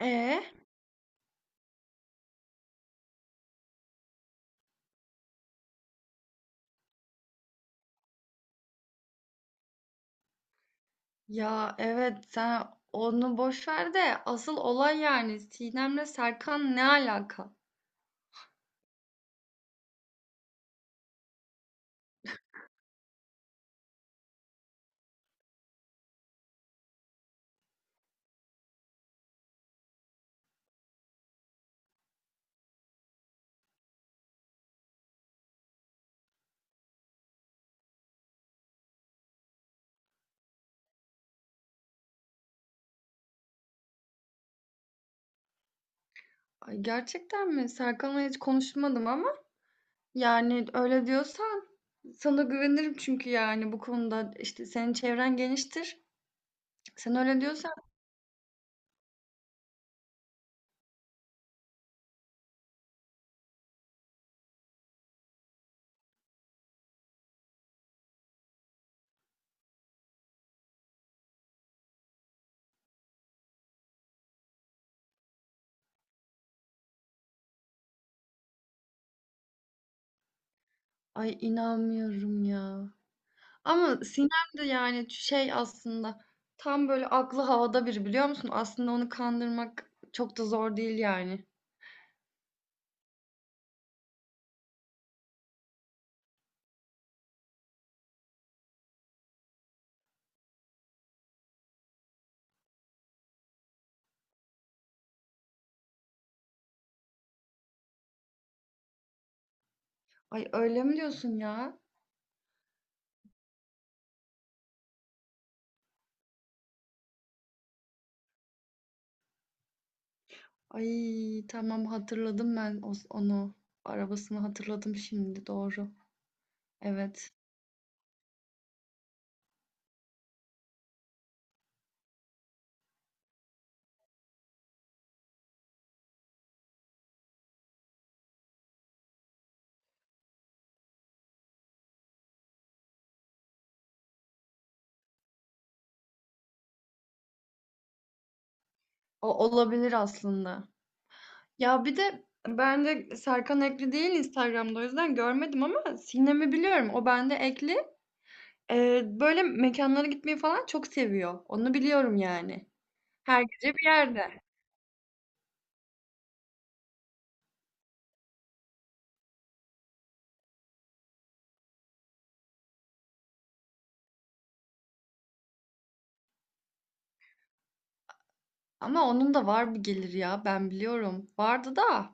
E Ya evet sen onu boş ver de asıl olay yani Sinem'le Serkan ne alaka? Ay, gerçekten mi? Serkan'la hiç konuşmadım ama yani öyle diyorsan sana güvenirim çünkü yani bu konuda işte senin çevren geniştir. Sen öyle diyorsan ay inanmıyorum ya. Ama Sinem de yani şey aslında tam böyle aklı havada biri biliyor musun? Aslında onu kandırmak çok da zor değil yani. Ay öyle mi diyorsun ya? Ay tamam hatırladım ben onu. Arabasını hatırladım şimdi doğru. Evet. O olabilir aslında. Ya bir de ben de Serkan Ekli değil Instagram'da o yüzden görmedim ama Sinem'i biliyorum. O bende Ekli. Böyle mekanlara gitmeyi falan çok seviyor. Onu biliyorum yani. Her gece bir yerde. Ama onun da var bir gelir ya ben biliyorum. Vardı da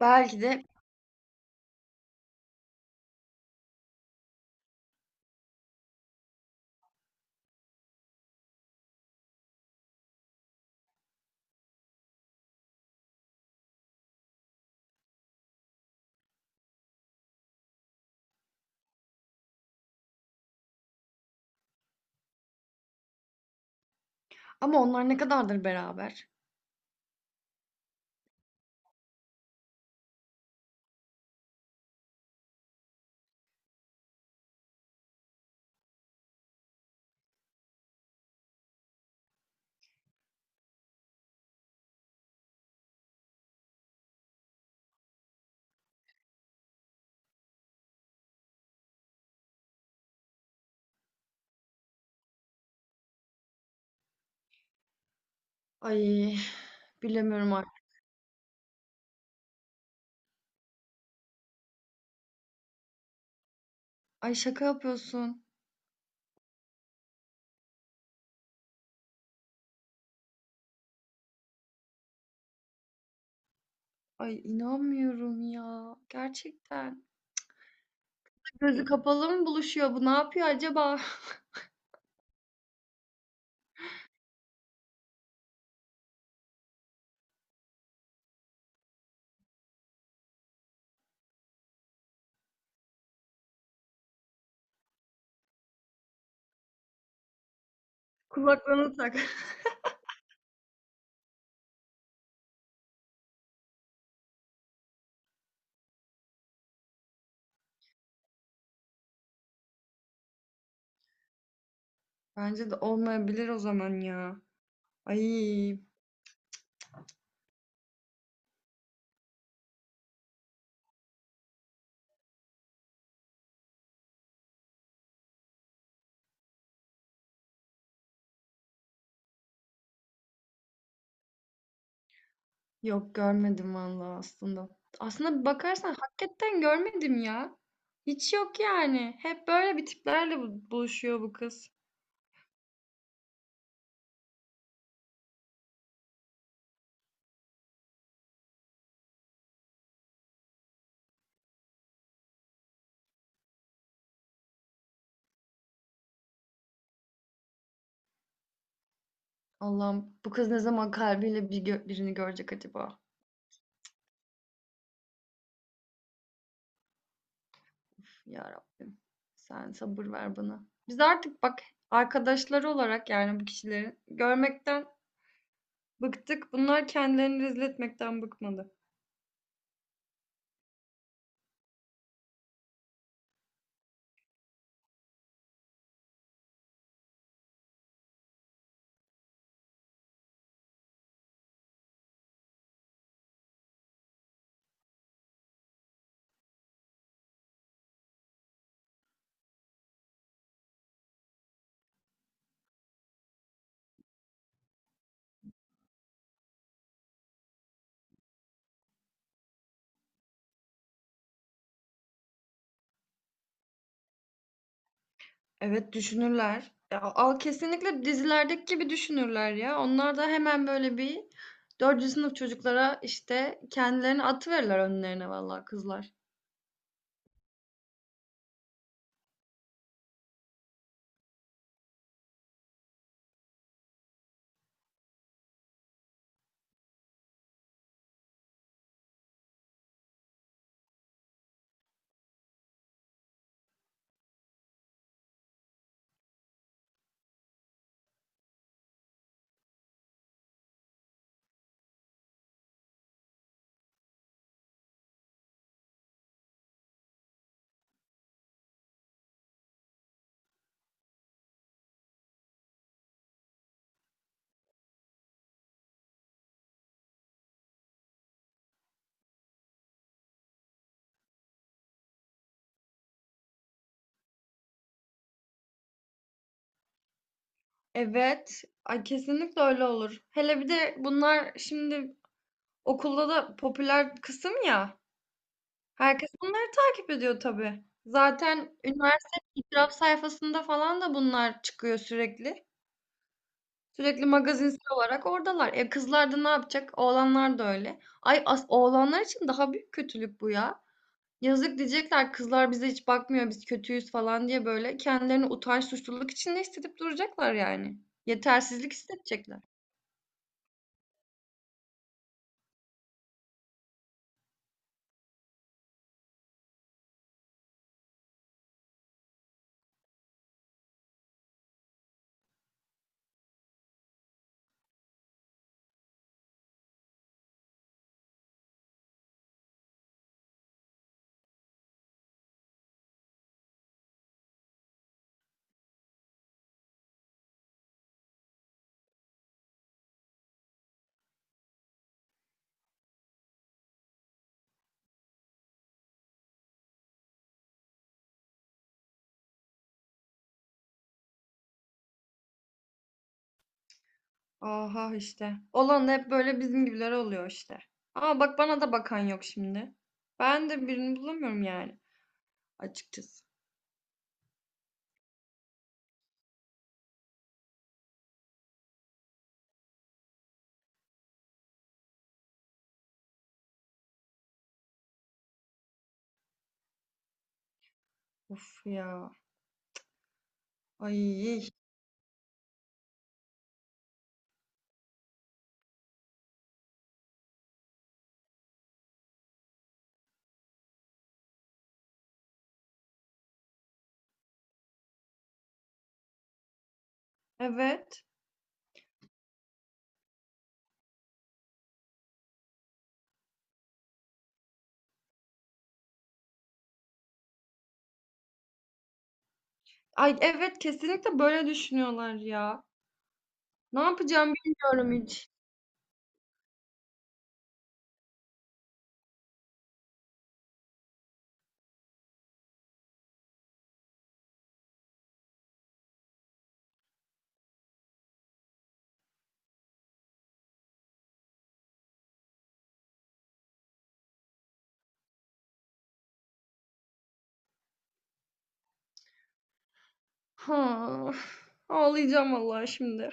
belki de ama onlar ne kadardır beraber? Ay bilemiyorum artık. Ay şaka yapıyorsun. Ay inanmıyorum ya. Gerçekten. Gözü kapalı mı buluşuyor bu? Ne yapıyor acaba? Kulaklığını tak. Bence de olmayabilir o zaman ya. Ay yok görmedim vallahi aslında. Aslında bir bakarsan hakikaten görmedim ya. Hiç yok yani. Hep böyle bir tiplerle buluşuyor bu kız. Allah'ım bu kız ne zaman kalbiyle bir birini görecek acaba? Uf, Ya Rabbim. Sen sabır ver bana. Biz artık bak arkadaşları olarak yani bu kişileri görmekten bıktık. Bunlar kendilerini rezil etmekten bıkmadı. Evet düşünürler. Ya, al kesinlikle dizilerdeki gibi düşünürler ya. Onlar da hemen böyle bir dördüncü sınıf çocuklara işte kendilerini atıverirler önlerine vallahi kızlar. Evet. Ay kesinlikle öyle olur. Hele bir de bunlar şimdi okulda da popüler kısım ya. Herkes bunları takip ediyor tabii. Zaten üniversitenin itiraf sayfasında falan da bunlar çıkıyor sürekli. Sürekli magazinsel olarak oradalar. E kızlar da ne yapacak? Oğlanlar da öyle. Ay as oğlanlar için daha büyük kötülük bu ya. Yazık diyecekler kızlar bize hiç bakmıyor biz kötüyüz falan diye böyle kendilerini utanç suçluluk içinde hissedip duracaklar yani. Yetersizlik hissedecekler. Aha işte. Olan da hep böyle bizim gibiler oluyor işte. Ama bak bana da bakan yok şimdi. Ben de birini bulamıyorum yani. Açıkçası. Of ya. Ay. Evet. Ay evet kesinlikle böyle düşünüyorlar ya. Ne yapacağım bilmiyorum hiç. Ha. Ağlayacağım vallahi şimdi.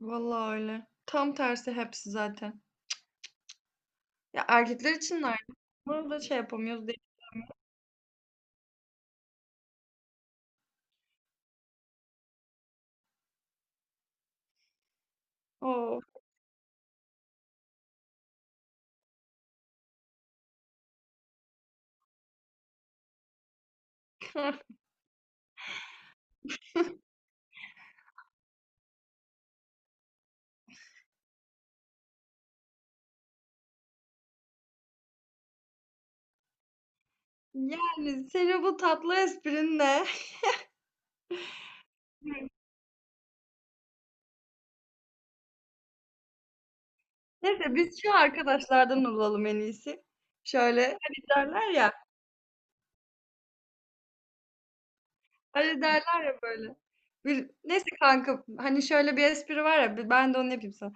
Vallahi öyle. Tam tersi hepsi zaten. Ya erkekler için de aynı. Bunu da şey yapamıyoruz değil. Of. Yani senin bu tatlı esprin ne? Neyse biz şu arkadaşlardan olalım en iyisi. Şöyle hani derler ya. Hani derler ya böyle. Bir, neyse kanka hani şöyle bir espri var ya ben de onu yapayım sana.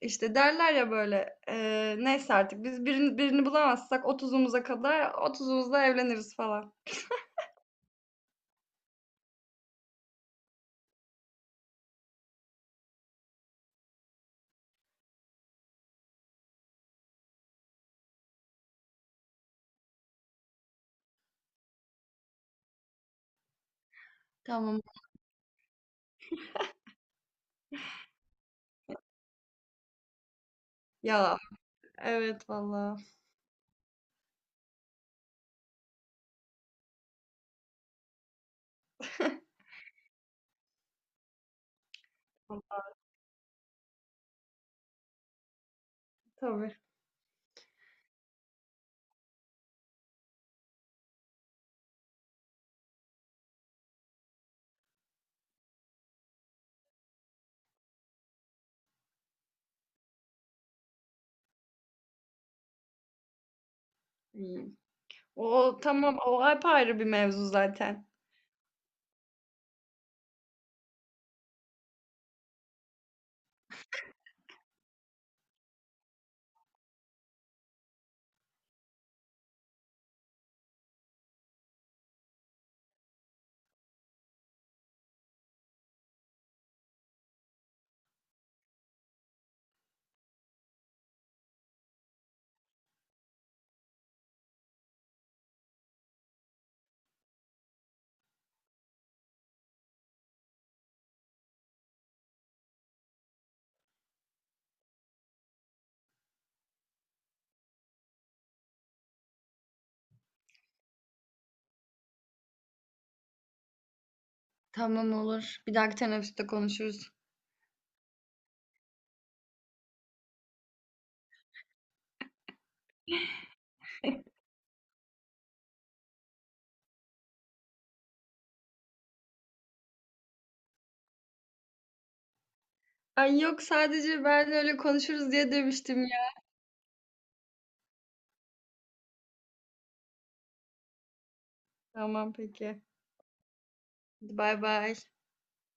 İşte derler ya böyle neyse artık biz birini bulamazsak 30'umuza kadar otuzumuzda evleniriz falan. Tamam. Ya evet valla. Tabii. İyi. O tamam o apayrı bir mevzu zaten. Tamam olur. Bir dahaki teneffüste konuşuruz. Ay yok sadece ben öyle konuşuruz diye demiştim ya. Tamam peki. Hadi bay bay.